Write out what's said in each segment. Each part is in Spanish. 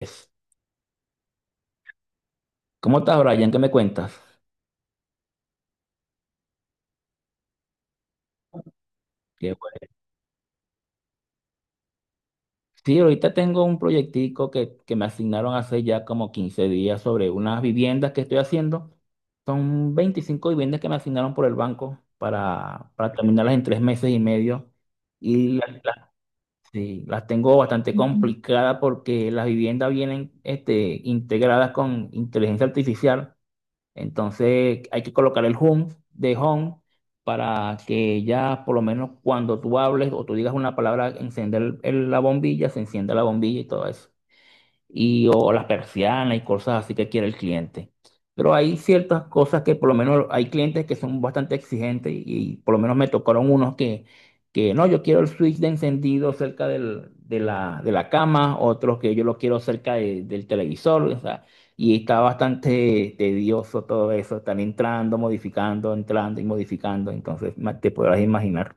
Es- ¿Cómo estás, Brian? ¿Qué me cuentas? Qué bueno. Sí, ahorita tengo un proyectico que me asignaron hace ya como 15 días sobre unas viviendas que estoy haciendo. Son 25 viviendas que me asignaron por el banco para terminarlas en 3 meses y medio. Y las, las- sí, las tengo bastante, Ujú, complicadas porque las viviendas vienen integradas con inteligencia artificial. Entonces hay que colocar el home de home para que ya por lo menos cuando tú hables o tú digas una palabra, encender la bombilla, se encienda la bombilla y todo eso y o las persianas y cosas así que quiere el cliente. Pero hay ciertas cosas que por lo menos hay clientes que son bastante exigentes y por lo menos me tocaron unos que no, yo quiero el switch de encendido cerca de la cama, otros que yo lo quiero cerca del televisor, o sea, y está bastante tedioso todo eso, están entrando, modificando, entrando y modificando, entonces te podrás imaginar.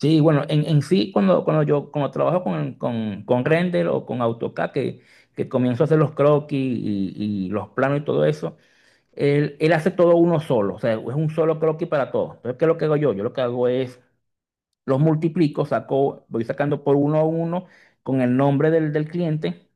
Sí, bueno, en sí, cuando, cuando yo cuando trabajo con Render o con AutoCAD, que comienzo a hacer los croquis y los planos y todo eso, él hace todo uno solo, o sea, es un solo croquis para todo. Entonces, ¿qué es lo que hago yo? Yo lo que hago es, los multiplico, saco, voy sacando por uno a uno con el nombre del cliente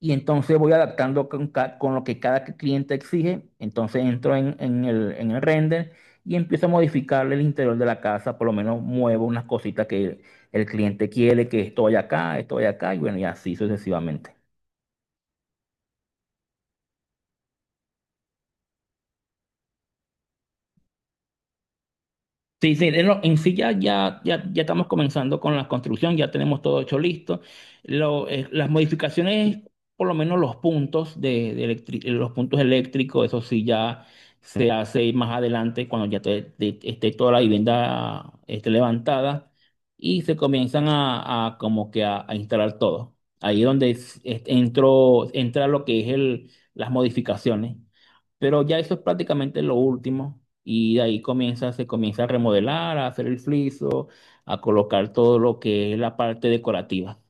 y entonces voy adaptando con lo que cada cliente exige. Entonces entro en el render y empiezo a modificarle el interior de la casa. Por lo menos muevo unas cositas que el cliente quiere, que esto vaya acá, y bueno, y así sucesivamente. Sí, sí, en sí ya estamos comenzando con la construcción, ya tenemos todo hecho listo. Las modificaciones, por lo menos los puntos los puntos eléctricos, eso sí ya se hace más adelante cuando ya esté toda la vivienda esté levantada y se comienzan a como que a instalar todo. Ahí es donde entra lo que es las modificaciones. Pero ya eso es prácticamente lo último. Y de ahí se comienza a remodelar, a hacer el friso, a colocar todo lo que es la parte decorativa.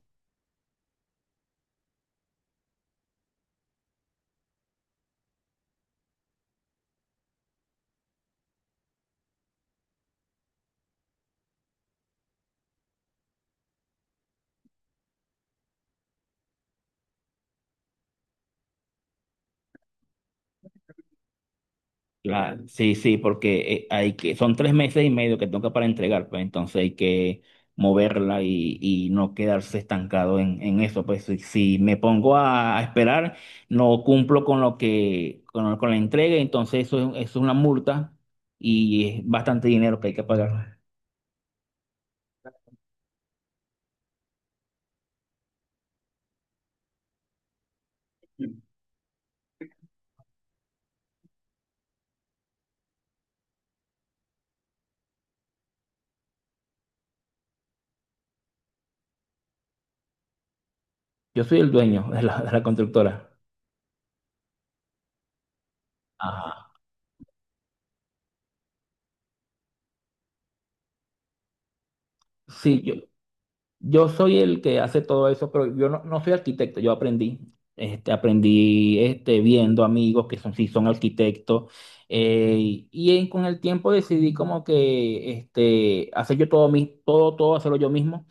Sí, sí, porque son 3 meses y medio que toca para entregar, pues entonces hay que moverla y no quedarse estancado en eso. Pues si me pongo a esperar, no cumplo con lo que, con la entrega, entonces eso, eso es una multa y es bastante dinero que hay que pagar. Yo soy el dueño de la constructora. Ajá. Sí, yo soy el que hace todo eso, pero yo no soy arquitecto, yo aprendí. Aprendí viendo amigos que son, sí son arquitectos. Con el tiempo decidí como que hacer yo todo, todo, hacerlo yo mismo.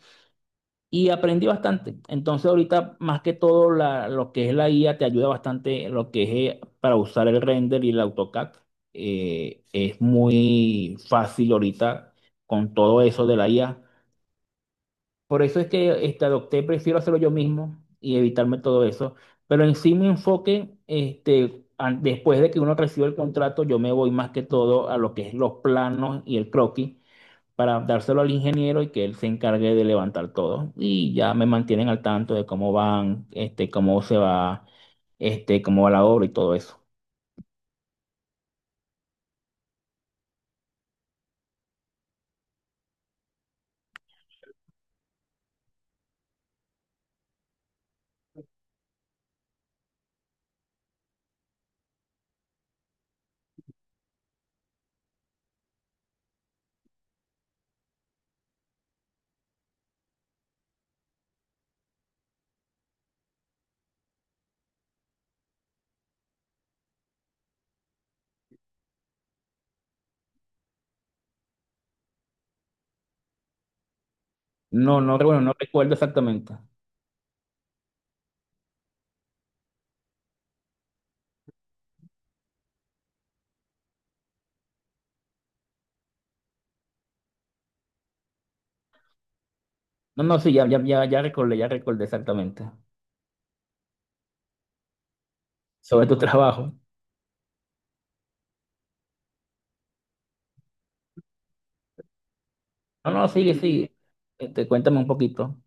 Y aprendí bastante. Entonces ahorita más que todo lo que es la IA te ayuda bastante lo que es para usar el render y el AutoCAD. Es muy fácil ahorita con todo eso de la IA. Por eso es que prefiero hacerlo yo mismo y evitarme todo eso. Pero en sí mi enfoque, después de que uno recibe el contrato, yo me voy más que todo a lo que es los planos y el croquis para dárselo al ingeniero y que él se encargue de levantar todo. Y ya me mantienen al tanto de cómo van, cómo se va, cómo va la obra y todo eso. No, no, bueno, no recuerdo exactamente. No, no, sí, ya recordé exactamente sobre tu trabajo. No, no, sigue, sigue. Cuéntame un poquito.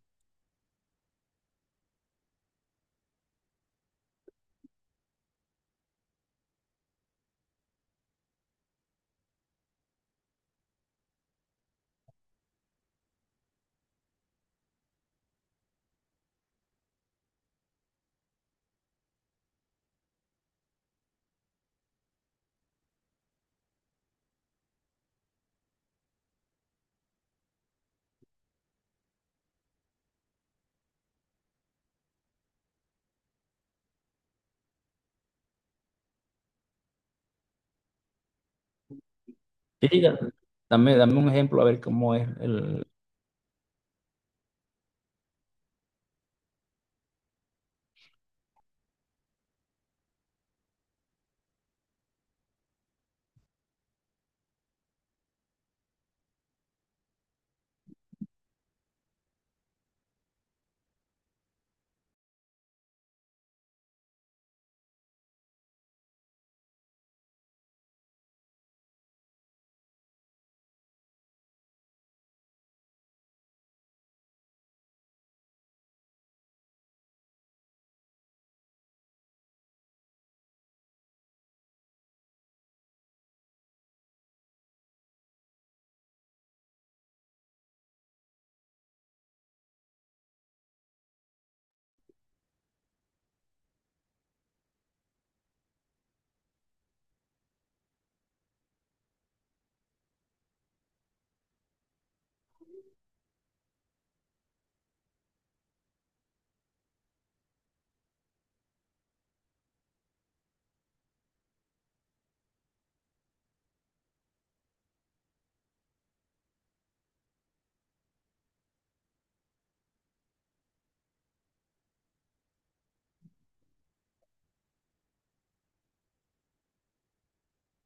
Sí, sí, dame un ejemplo a ver cómo es el...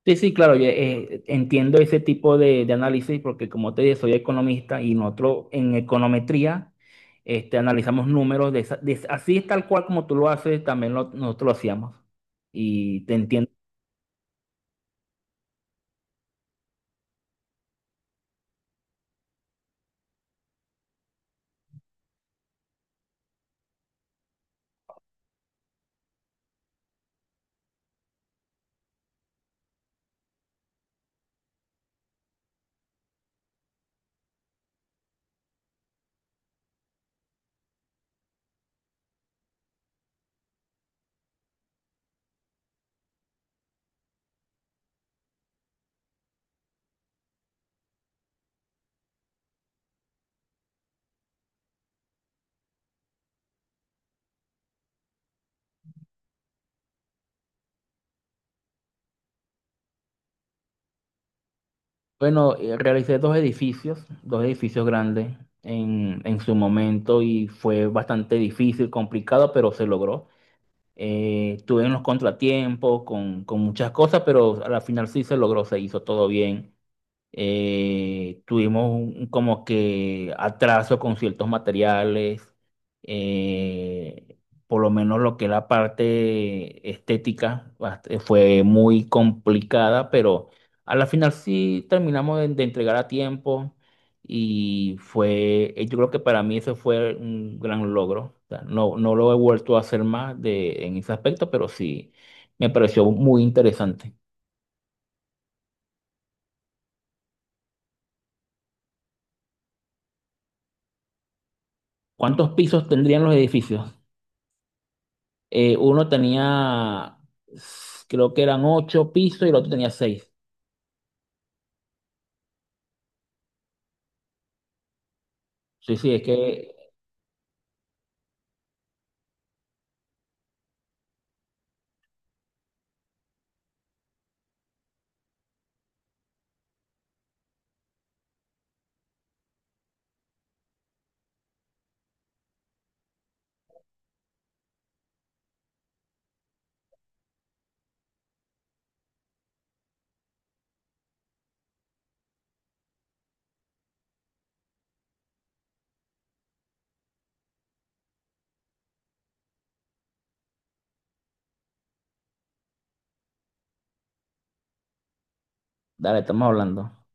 Sí, sí, claro, entiendo ese tipo de análisis porque como te dije, soy economista y nosotros en econometría analizamos números de así es tal cual como tú lo haces, también nosotros lo hacíamos. Y te entiendo. Bueno, realicé dos edificios grandes en su momento y fue bastante difícil, complicado, pero se logró. Tuve unos contratiempos con muchas cosas, pero al final sí se logró, se hizo todo bien, tuvimos como que atraso con ciertos materiales, eh, por lo menos lo que es la parte estética fue muy complicada, pero a la final sí terminamos de entregar a tiempo yo creo que para mí eso fue un gran logro. O sea, no, no lo he vuelto a hacer más en ese aspecto, pero sí me pareció muy interesante. ¿Cuántos pisos tendrían los edificios? Uno tenía, creo que eran 8 pisos y el otro tenía 6. Sí, sí, es que, dale, estamos hablando.